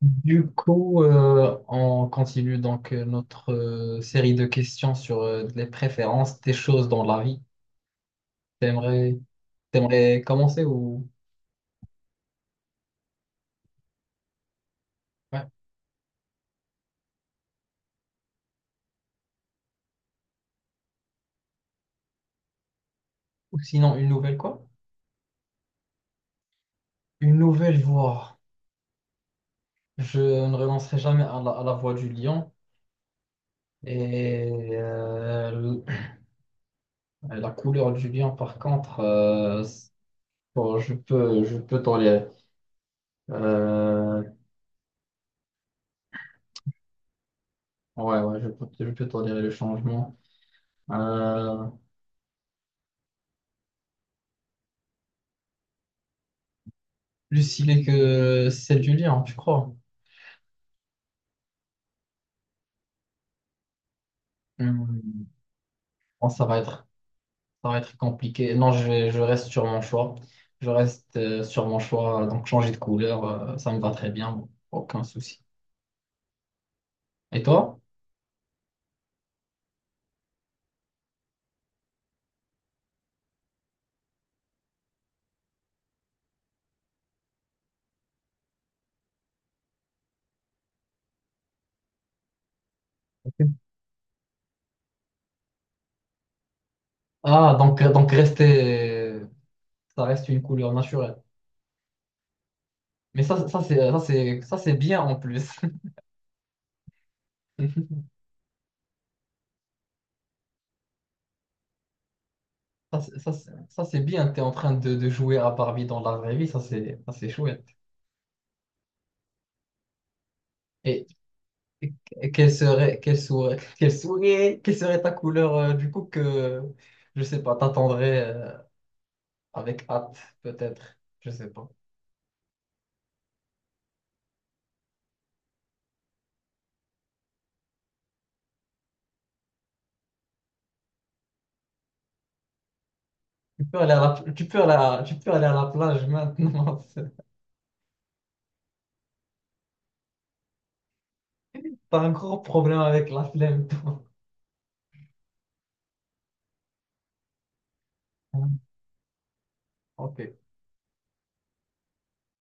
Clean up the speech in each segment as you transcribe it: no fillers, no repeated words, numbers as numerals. Du coup, on continue donc notre série de questions sur les préférences des choses dans la vie. T'aimerais, t'aimerais commencer ou, ouais. Ou sinon une nouvelle quoi? Une nouvelle voie. Je ne renoncerai jamais à la voie du lion. Et la couleur du lion, par contre, bon, je peux tolérer. Euh, ouais, ouais, je peux tolérer le changement. Euh, plus stylé que celle du lien, tu crois. Hmm. Bon, ça va être, ça va être compliqué. Non, je reste sur mon choix. Je reste sur mon choix. Donc, changer de couleur, ça me va très bien. Bon, aucun souci. Et toi? Ok. Ah, ça reste une couleur naturelle. Mais ça, c'est bien en plus. Ça, c'est bien. T'es en train de jouer à Barbie dans la vraie vie. Ça, c'est chouette. Et, quelle serait ta couleur du coup que, je sais pas, t'attendrais avec hâte, peut-être, je sais pas. Tu peux aller à la, tu peux aller à- tu peux aller à la plage maintenant. T'as un gros problème avec la flemme, toi. Ok.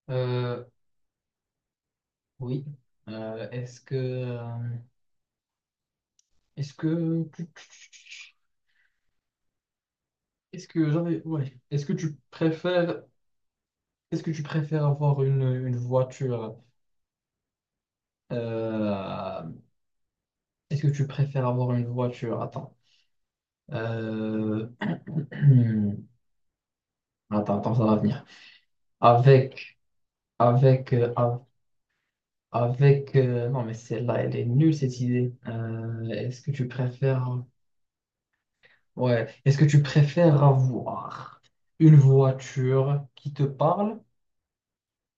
Euh, oui. Euh, est-ce que, euh, est-ce que, tu- est-ce que j'avais, ouais. Est-ce que tu préfères avoir une voiture? euh, Est-ce que tu préfères avoir une voiture? Attends. Euh, Attends, attends, ça va venir. Avec, avec, euh, av- avec. Non, mais celle-là, elle est nulle, cette idée. Est-ce que tu préfères. Ouais. Est-ce que tu préfères avoir une voiture qui te parle?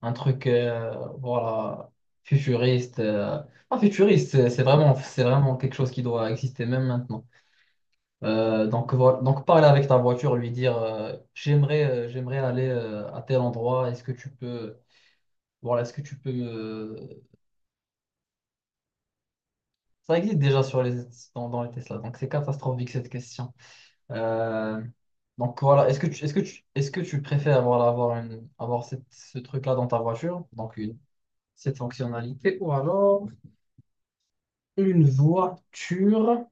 Un truc, voilà, futuriste. Pas futuriste, c'est vraiment, c'est vraiment quelque chose qui doit exister même maintenant. Donc, voilà, donc parler avec ta voiture, lui dire j'aimerais j'aimerais aller à tel endroit, est-ce que tu peux ça existe déjà sur les dans, dans les Tesla, donc c'est catastrophique cette question. Euh, donc voilà, est-ce que tu est-ce que tu est-ce que tu préfères voilà, avoir cette, ce truc-là dans ta voiture, donc une cette fonctionnalité, ou alors une voiture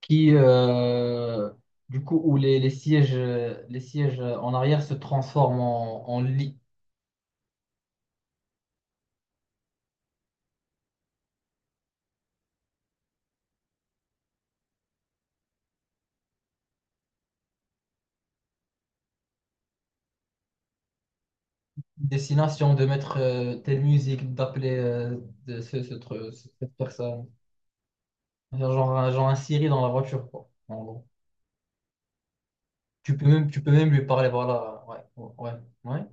qui du coup, où les sièges, les sièges en arrière se transforment en lit. Destination, de mettre telle musique, d'appeler cette personne. Genre un Siri dans la voiture, quoi, en gros. Tu peux même lui parler, voilà. Ouais, ouais, ouais.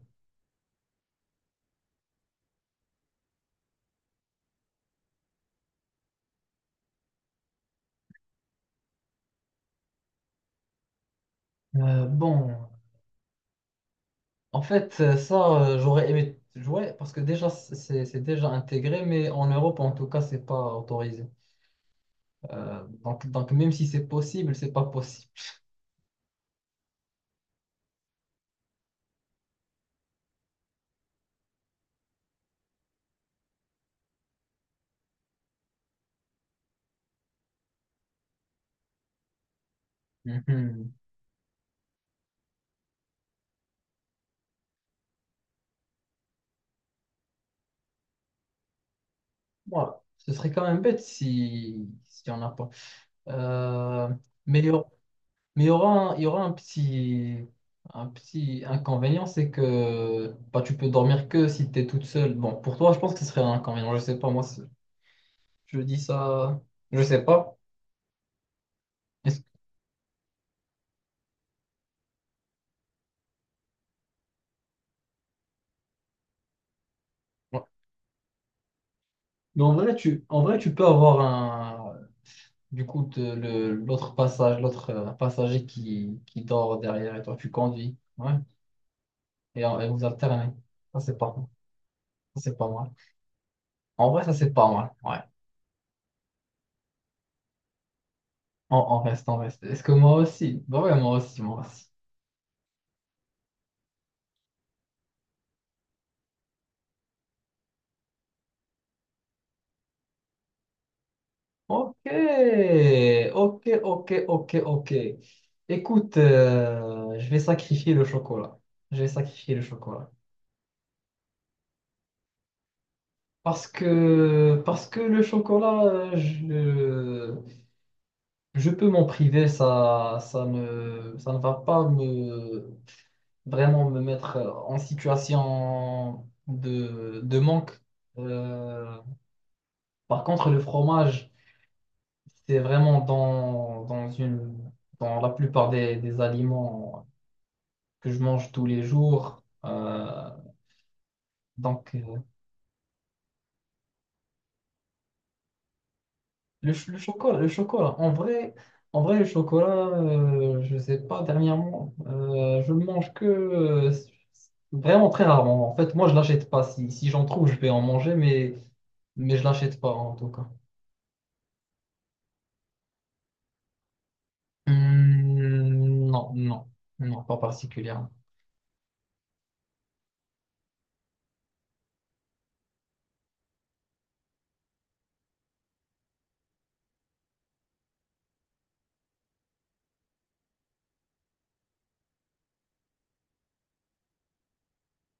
Bon, en fait, j'aurais aimé jouer parce que déjà, c'est déjà intégré, mais en Europe, en tout cas, c'est pas autorisé. Donc, même si c'est possible, c'est pas possible. Mhm. Voilà. Ce serait quand même bête si on n'a pas. Euh, mais il y aura, mais il y aura il y aura un petit inconvénient, c'est que bah, tu peux dormir que si tu es toute seule. Bon, pour toi, je pense que ce serait un inconvénient. Je sais pas, moi, je dis ça, je sais pas. Est-ce que- ouais. Mais en vrai, en vrai, tu peux avoir un, du coup, te- le, l'autre l'autre passager qui dort derrière et toi, tu conduis. Ouais. Et, et vous alternez. Ça, c'est pas, ça, c'est pas mal. En vrai, ça, c'est pas mal. Ouais. On reste. Est-ce que moi aussi? Bah ouais, moi aussi, moi aussi. Ok, ok, ok, ok, ok. Écoute, je vais sacrifier le chocolat. Je vais sacrifier le chocolat. Parce que le chocolat, je peux m'en priver, ça ne va pas me, vraiment me mettre en situation de manque. Euh, par contre, le fromage, c'est vraiment dans la plupart des aliments que je mange tous les jours. Donc, euh, le chocolat, le chocolat. En vrai, le chocolat, je sais pas, dernièrement, je le mange que vraiment très rarement. En fait, moi, je l'achète pas. Si, si j'en trouve, je vais en manger, mais je l'achète pas en tout cas. Non, non, non, pas particulièrement.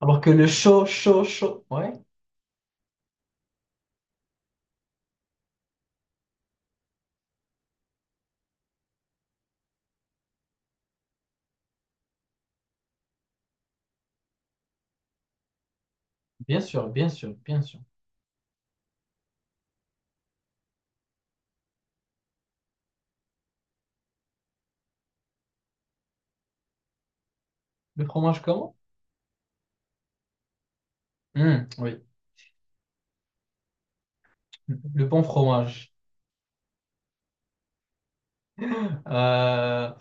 Alors que le chaud, chaud, chaud, ouais, bien sûr, bien sûr, bien sûr. Le fromage comment? Oui, le bon fromage. Euh,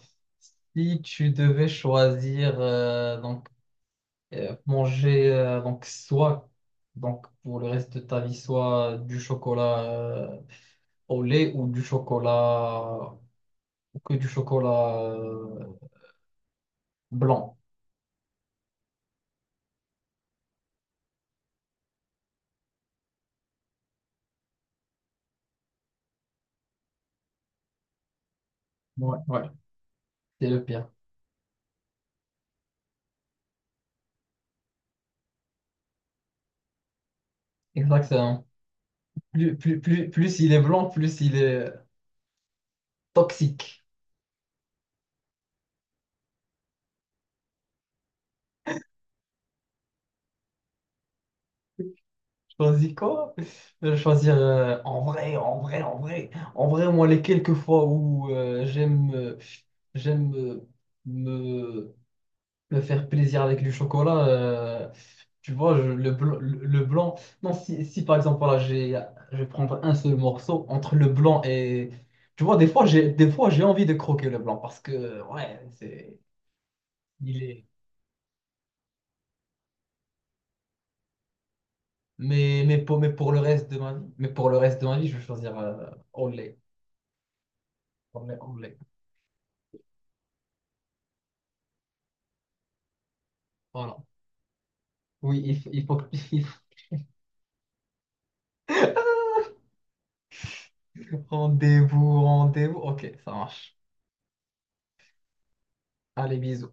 si tu devais choisir, manger donc soit donc pour le reste de ta vie soit du chocolat au lait ou du chocolat ou que du chocolat blanc. Ouais, ouais, c'est le pire. Exactement. Plus, plus, plus, plus il est blanc, plus il est toxique. Choisis quoi? Je vais choisir en vrai, en vrai, en vrai. En vrai, moi, les quelques fois où j'aime me me faire plaisir avec du chocolat, tu vois, le blanc. Non, si, si par exemple, voilà, je vais prendre un seul morceau entre le blanc et. Tu vois, des fois, j'ai envie de croquer le blanc parce que, ouais, c'est. Il est. Mais, mais pour le reste de ma vie, mais pour le reste de ma vie, je vais choisir au lait. Au lait, au lait. Voilà. Oui, il faut que. Rendez-vous, rendez-vous. Ok, ça marche. Allez, bisous.